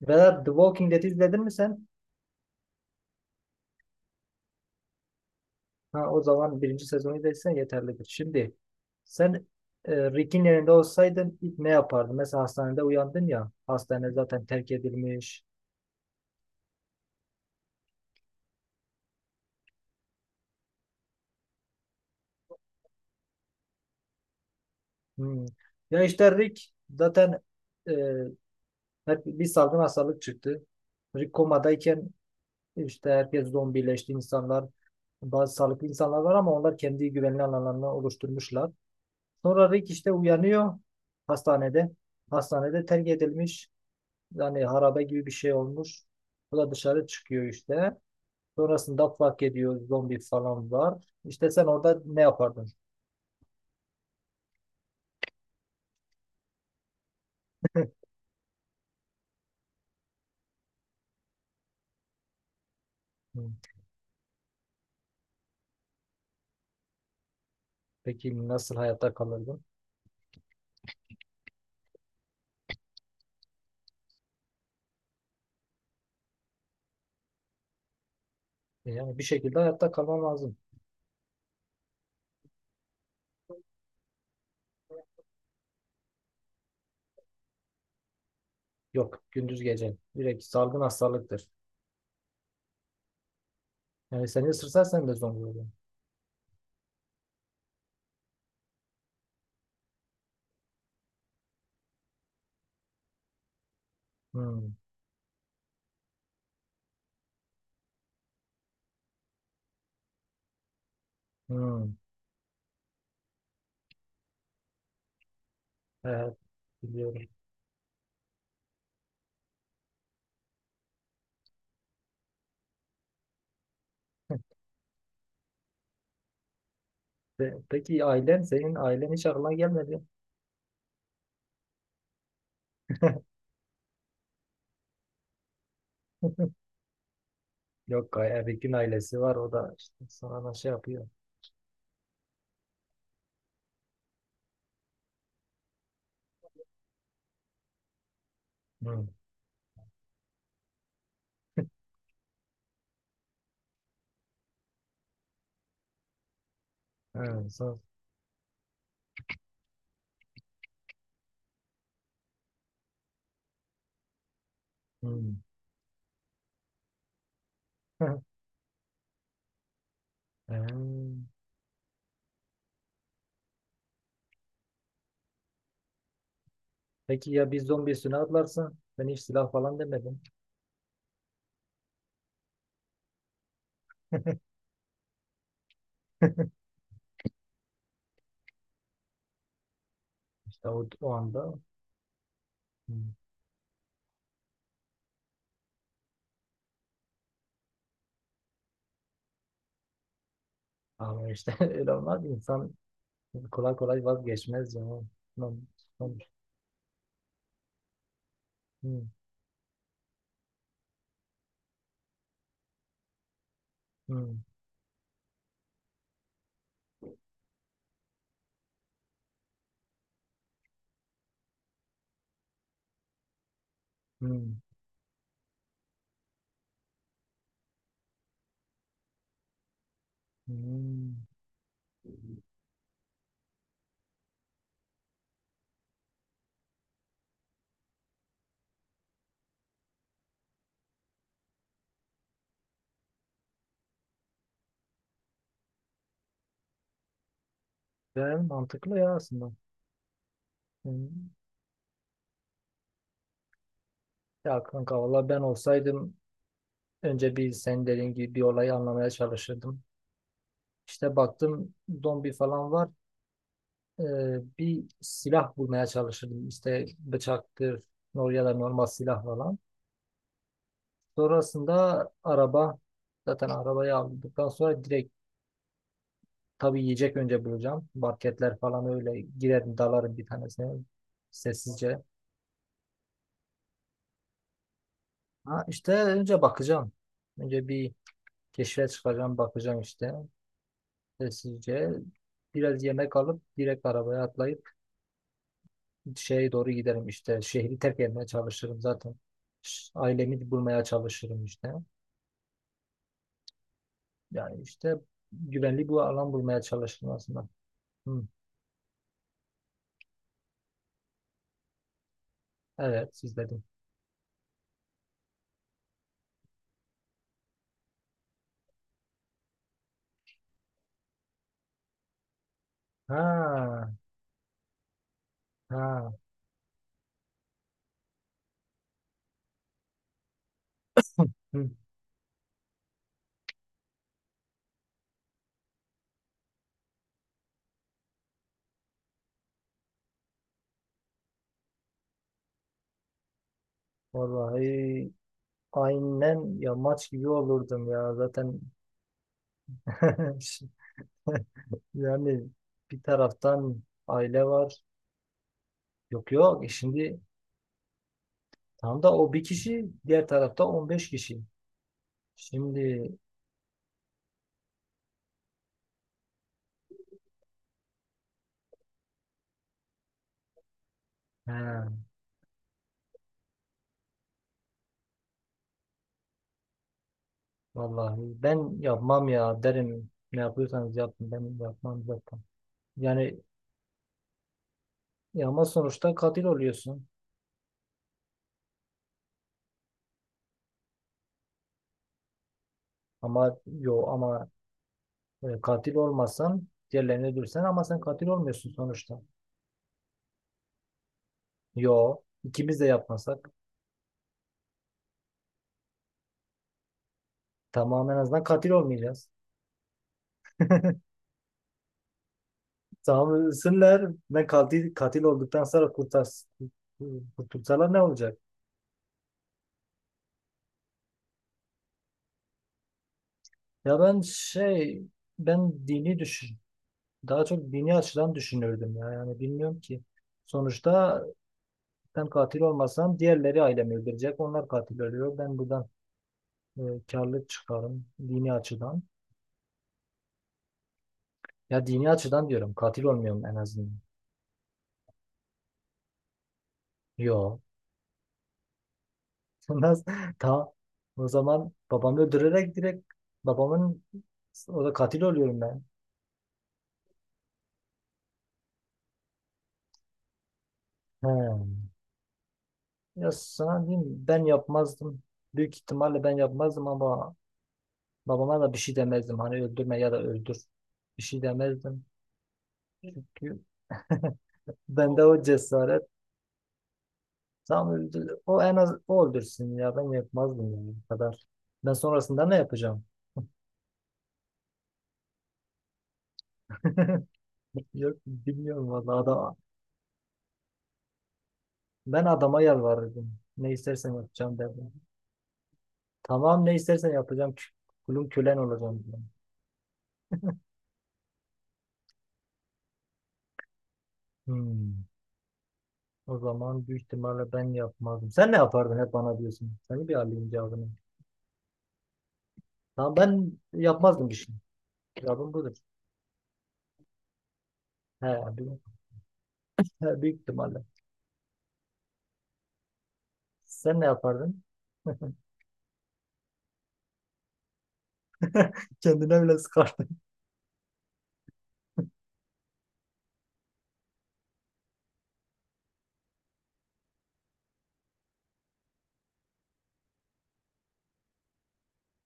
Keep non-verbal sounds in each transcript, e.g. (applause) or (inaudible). Vedat The Walking Dead izledin mi sen? Ha, o zaman birinci sezonu izlediysen yeterlidir. Şimdi sen Rick'in yerinde olsaydın ilk ne yapardın? Mesela hastanede uyandın ya. Hastane zaten terk edilmiş. Hmm. Ya işte Rick zaten e, hep bir salgın hastalık çıktı. Rick komadayken işte herkes zombileşti insanlar. Bazı sağlıklı insanlar var ama onlar kendi güvenli alanlarını oluşturmuşlar. Sonra Rick işte uyanıyor hastanede. Hastanede terk edilmiş. Yani harabe gibi bir şey olmuş. Bu da dışarı çıkıyor işte. Sonrasında fark ediyor zombi falan var. İşte sen orada ne yapardın? Hı. Peki nasıl hayatta kalırdın? Yani bir şekilde hayatta kalman lazım. Yok, gündüz gece. Direkt salgın hastalıktır. Yani seni ısırsa sen de zombi olursun. Hı. Hı. Evet, biliyorum. Peki senin ailen hiç aklına gelmedi. (laughs) Yok, Erik'in ailesi var, o da işte sonra şey yapıyor. Hı. Evet, sonra- hı. (laughs) Ee, Peki ya bir zombi üstüne atlarsa ben hiç silah falan demedim. (laughs) İşte o anda hmm, ama işte (laughs) öyle olmaz. İnsan kolay kolay vazgeçmez ya. Hmm, hmm, hmm, hmm, hmm, hmm. Yani mantıklı ya aslında. Hmm. Ya kanka valla ben olsaydım önce bir sen dediğin gibi bir olayı anlamaya çalışırdım. İşte baktım zombi falan var. Bir silah bulmaya çalışırdım. İşte bıçaktır ya da normal silah falan. Sonrasında araba zaten arabayı aldıktan sonra direkt tabii yiyecek önce bulacağım. Marketler falan öyle girerim dalarım bir tanesine sessizce. Ha, işte önce bakacağım. Önce bir keşfe çıkacağım bakacağım işte sessizce. Biraz yemek alıp direkt arabaya atlayıp şeye doğru giderim işte. Şehri terk etmeye çalışırım zaten. Ailemi bulmaya çalışırım işte. Yani işte güvenli bir alan bulmaya çalışırım aslında. Hı, evet siz dediniz. Ha, ha. Hı. Vallahi aynen ya maç gibi olurdum ya zaten. (laughs) Şi- Yani bir taraftan aile var. Yok yok şimdi tam da o bir kişi, diğer tarafta 15 kişi. Şimdi he, vallahi ben yapmam ya derim. Ne yapıyorsanız yapın, ben yapmam zaten. Yani ya ama sonuçta katil oluyorsun. Ama yo ama katil olmasan diğerlerini öldürsen, ama sen katil olmuyorsun sonuçta. Yo, ikimiz de yapmasak tamam, en azından katil olmayacağız. (laughs) Tamam, ölsünler. Ben katil katil olduktan sonra kurtulsalar ne olacak? Ya ben şey, ben dini düşün, daha çok dini açıdan düşünürdüm ya. Yani bilmiyorum ki. Sonuçta ben katil olmasam diğerleri ailemi öldürecek. Onlar katil oluyor. Ben buradan e, karlı çıkarım dini açıdan. Ya dini açıdan diyorum. Katil olmuyorum en azından. Yo. (laughs) Nasıl? Tamam. O zaman babamı öldürerek direkt babamın, o da katil oluyorum ben. He. Ya sana diyeyim mi? Ben yapmazdım. Büyük ihtimalle ben yapmazdım ama babama da bir şey demezdim. Hani öldürme ya da öldür. Bir şey demezdim. Çünkü (laughs) bende o cesaret tam öldür. O en az, o öldürsün ya, ben yapmazdım yani, bu kadar. Ben sonrasında ne yapacağım? (laughs) Yok, bilmiyorum vallahi adam. Ben adama yalvarırdım. Ne istersen yapacağım derdim. Tamam, ne istersen yapacağım. Kulun kölen olacağım dedim. Hmm. O zaman büyük ihtimalle ben yapmazdım. Sen ne yapardın hep bana diyorsun. Seni bir alayım cevabını. Tamam, ben yapmazdım bir şey. Cevabım budur. He, büyük, he, büyük ihtimalle. Sen ne yapardın? (laughs) Kendine bile sıkardın.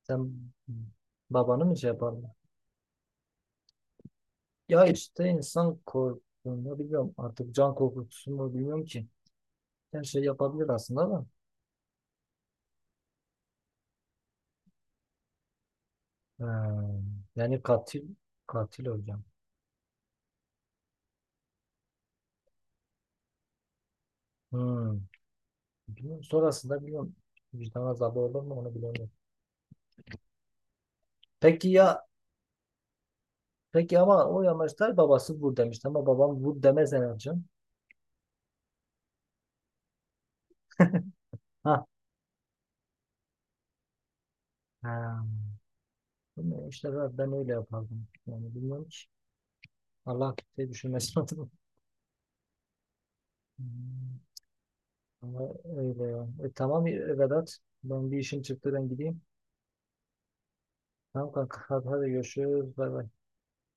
Sen babanı mı şey yapardın? Ya işte insan korkuyor. Bilmiyorum artık, can korkutusu mu, bilmiyorum ki. Her şey yapabilir aslında da. Ha, yani katil, katil hocam. Hmm. Bilmiyorum. Sonrasında biliyorum, vicdan azabı olur mu, onu bilemiyorum. Peki ya, peki ama o yamaçlar babası vur demişti, ama babam vur demez herhalde. Ha. Ha. Bilmiyorum işte, ben öyle yapardım. Yani bilmiyorum ki. Allah kimseyi düşünmesin (laughs) adına. Hmm. Ama öyle ya. Tamam, Vedat. Ben bir işim çıktı, ben gideyim. Tamam kanka, hadi, hadi görüşürüz. Bay bay.